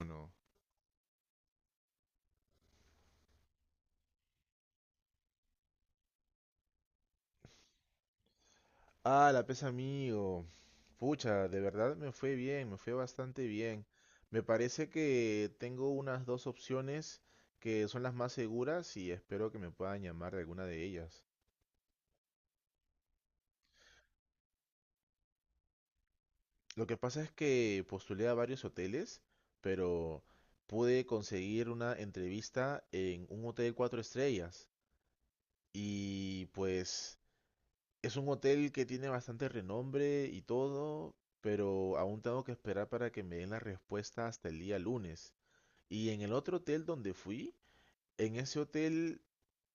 Uno. Ah, la pesa amigo. Pucha, de verdad me fue bien, me fue bastante bien. Me parece que tengo unas dos opciones que son las más seguras y espero que me puedan llamar de alguna de ellas. Lo que pasa es que postulé a varios hoteles, pero pude conseguir una entrevista en un hotel 4 estrellas. Y pues es un hotel que tiene bastante renombre y todo, pero aún tengo que esperar para que me den la respuesta hasta el día lunes. Y en el otro hotel donde fui, en ese hotel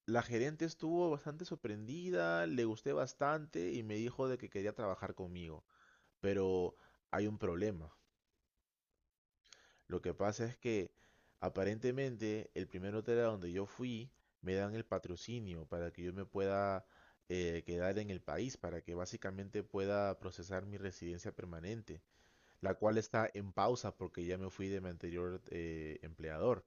la gerente estuvo bastante sorprendida, le gusté bastante y me dijo de que quería trabajar conmigo. Pero hay un problema. Lo que pasa es que aparentemente el primer hotel a donde yo fui me dan el patrocinio para que yo me pueda quedar en el país, para que básicamente pueda procesar mi residencia permanente, la cual está en pausa porque ya me fui de mi anterior empleador.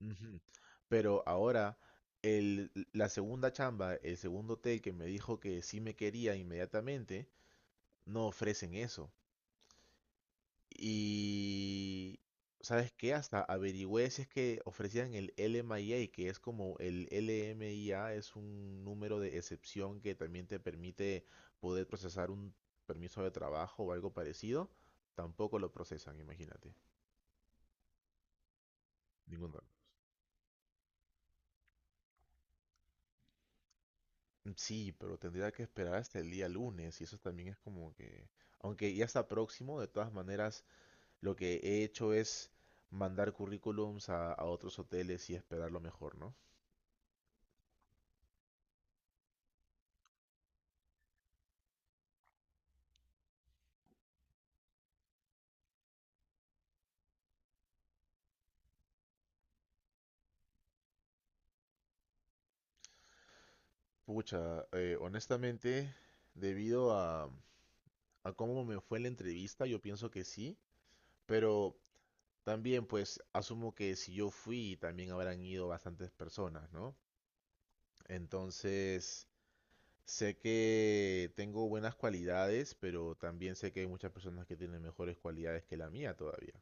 Ujú. Pero ahora, la segunda chamba, el segundo hotel que me dijo que sí me quería inmediatamente, no ofrecen eso. Y, ¿sabes qué? Hasta averigüé si es que ofrecían el LMIA, que es como el LMIA, es un número de excepción que también te permite poder procesar un permiso de trabajo o algo parecido. Tampoco lo procesan, imagínate. Ninguno. Sí, pero tendría que esperar hasta el día lunes y eso también es como que, aunque ya está próximo, de todas maneras, lo que he hecho es mandar currículums a otros hoteles y esperar lo mejor, ¿no? Pucha, honestamente, debido a cómo me fue la entrevista, yo pienso que sí, pero también pues asumo que si yo fui, también habrán ido bastantes personas, ¿no? Entonces, sé que tengo buenas cualidades, pero también sé que hay muchas personas que tienen mejores cualidades que la mía todavía.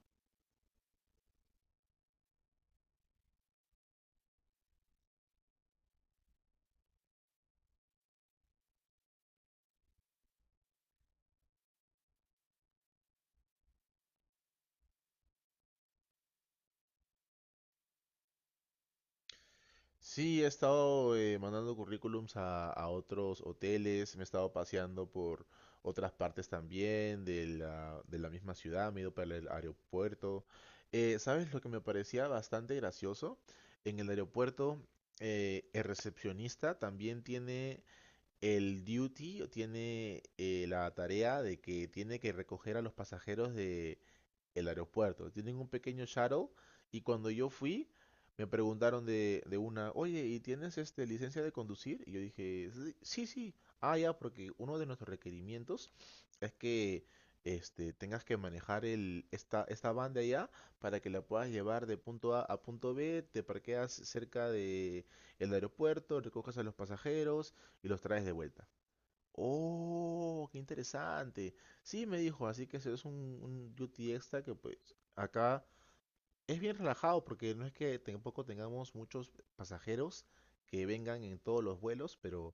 Sí, he estado mandando currículums a otros hoteles, me he estado paseando por otras partes también de la misma ciudad, me he ido para el aeropuerto. ¿Sabes lo que me parecía bastante gracioso? En el aeropuerto, el recepcionista también tiene el duty, o tiene la tarea de que tiene que recoger a los pasajeros de el aeropuerto. Tienen un pequeño shuttle y cuando yo fui me preguntaron de una, oye, ¿y tienes este licencia de conducir? Y yo dije, "Sí, sí, sí. Ah, ya, porque uno de nuestros requerimientos es que este, tengas que manejar el, esta van de allá para que la puedas llevar de punto A a punto B, te parqueas cerca de el aeropuerto, recoges a los pasajeros y los traes de vuelta. Oh, qué interesante. Sí, me dijo, así que eso es un duty extra que pues acá es bien relajado porque no es que tampoco tengamos muchos pasajeros que vengan en todos los vuelos, pero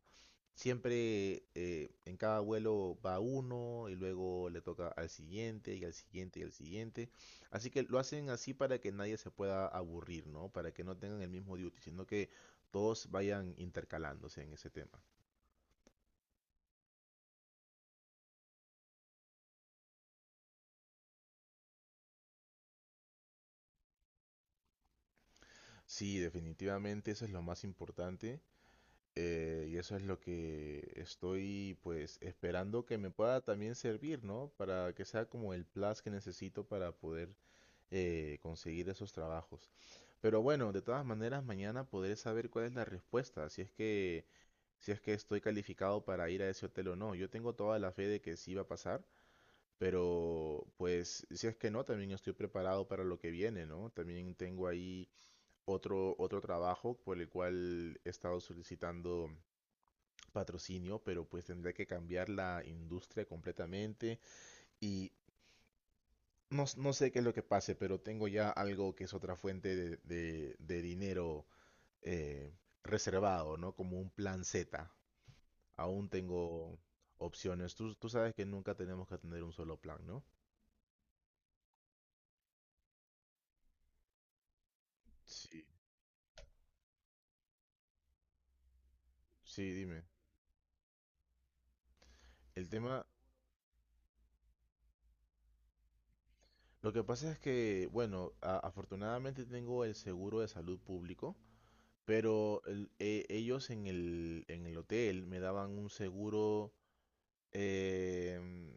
siempre en cada vuelo va uno y luego le toca al siguiente y al siguiente y al siguiente. Así que lo hacen así para que nadie se pueda aburrir, ¿no? Para que no tengan el mismo duty, sino que todos vayan intercalándose en ese tema. Sí, definitivamente eso es lo más importante y eso es lo que estoy pues esperando que me pueda también servir, ¿no? Para que sea como el plus que necesito para poder conseguir esos trabajos. Pero bueno, de todas maneras mañana podré saber cuál es la respuesta, si es que estoy calificado para ir a ese hotel o no. Yo tengo toda la fe de que sí va a pasar, pero pues si es que no, también estoy preparado para lo que viene, ¿no? También tengo ahí otro trabajo por el cual he estado solicitando patrocinio, pero pues tendría que cambiar la industria completamente y no, no sé qué es lo que pase, pero tengo ya algo que es otra fuente de dinero eh, reservado, ¿no? Como un plan Z. Aún tengo opciones. Tú sabes que nunca tenemos que tener un solo plan, ¿no? Sí, sí, dime. El tema, lo que pasa es que, bueno, afortunadamente tengo el seguro de salud público. Pero ellos en en el hotel me daban un seguro, em,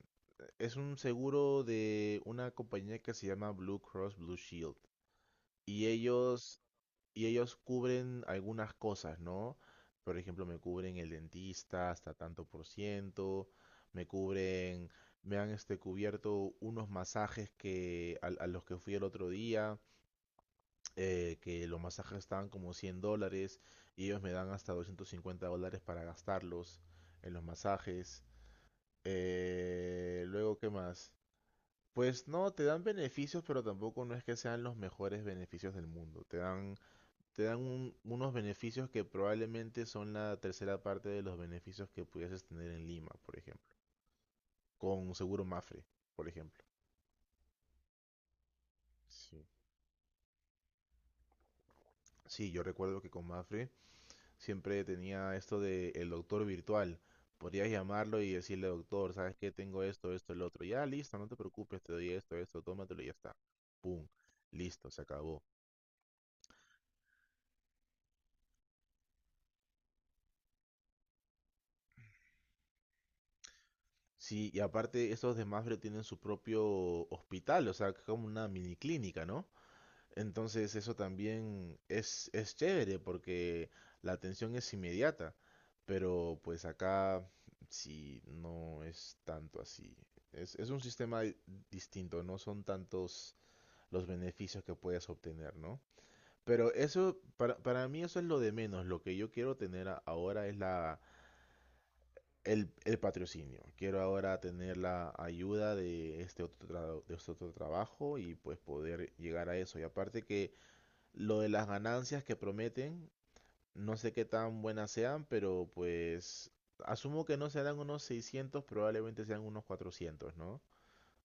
es un seguro de una compañía que se llama Blue Cross Blue Shield. Y ellos, y ellos cubren algunas cosas, ¿no? Por ejemplo, me cubren el dentista hasta tanto por ciento, me cubren, me han este, cubierto unos masajes que, a los que fui el otro día que los masajes estaban como $100 y ellos me dan hasta $250 para gastarlos en los masajes. Luego, ¿qué más? Pues no, te dan beneficios, pero tampoco no es que sean los mejores beneficios del mundo. Te dan unos beneficios que probablemente son la tercera parte de los beneficios que pudieses tener en Lima, por ejemplo. Con seguro Mafre, por ejemplo. Sí. Sí, yo recuerdo que con Mafre siempre tenía esto de el doctor virtual. Podrías llamarlo y decirle, doctor, ¿sabes qué? Tengo esto, esto, el otro. Ya, listo, no te preocupes, te doy esto, esto, tómatelo y ya está. Pum, listo, se acabó. Sí, y aparte, esos de Mafre tienen su propio hospital, o sea, que es como una mini clínica, ¿no? Entonces eso también es, chévere porque la atención es inmediata, pero pues acá sí no es tanto así. Es un sistema distinto, no son tantos los beneficios que puedes obtener, ¿no? Pero eso, para mí eso es lo de menos. Lo que yo quiero tener ahora es el patrocinio. Quiero ahora tener la ayuda de de este otro trabajo y pues poder llegar a eso. Y aparte que lo de las ganancias que prometen, no sé qué tan buenas sean, pero pues asumo que no serán unos 600, probablemente sean unos 400, ¿no?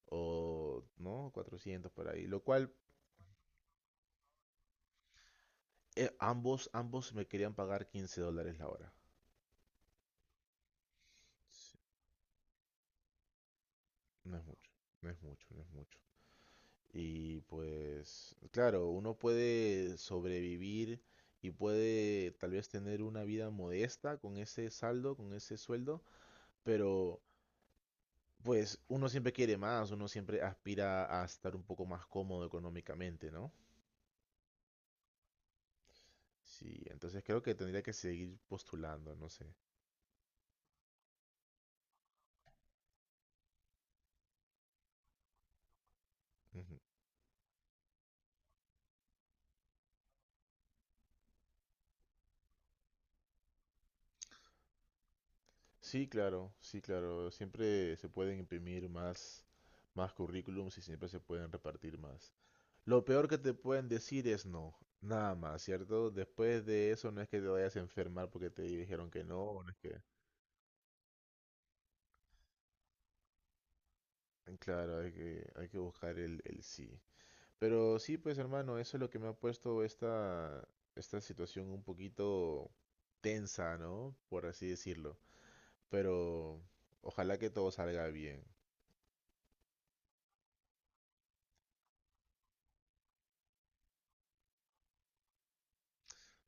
O, ¿no? 400 por ahí. Lo cual, ambos me querían pagar $15 la hora. Sí, no es mucho, no es mucho, no es mucho. Y pues, claro, uno puede sobrevivir y puede tal vez tener una vida modesta con ese saldo, con ese sueldo, pero pues uno siempre quiere más, uno siempre aspira a estar un poco más cómodo económicamente, ¿no? Sí, entonces creo que tendría que seguir postulando, no sé. Ujú. Sí, claro, sí, claro. Siempre se pueden imprimir más currículums y siempre se pueden repartir más. Lo peor que te pueden decir es no, nada más, ¿cierto? Después de eso no es que te vayas a enfermar porque te dijeron que no, no es que... Claro, hay que buscar el sí. Pero sí, pues hermano, eso es lo que me ha puesto esta situación un poquito tensa, ¿no? Por así decirlo. Pero ojalá que todo salga bien.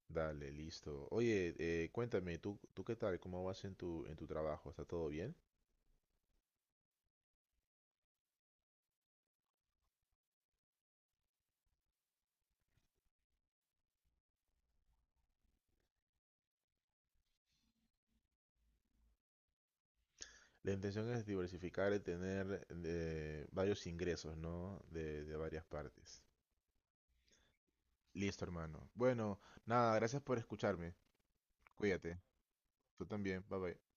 Dale, listo. Oye, cuéntame, ¿tú qué tal? ¿Cómo vas en tu trabajo? ¿Está todo bien? La intención es diversificar y tener varios ingresos, ¿no? De varias partes. Listo, hermano. Bueno, nada, gracias por escucharme. Cuídate. Tú también. Bye bye.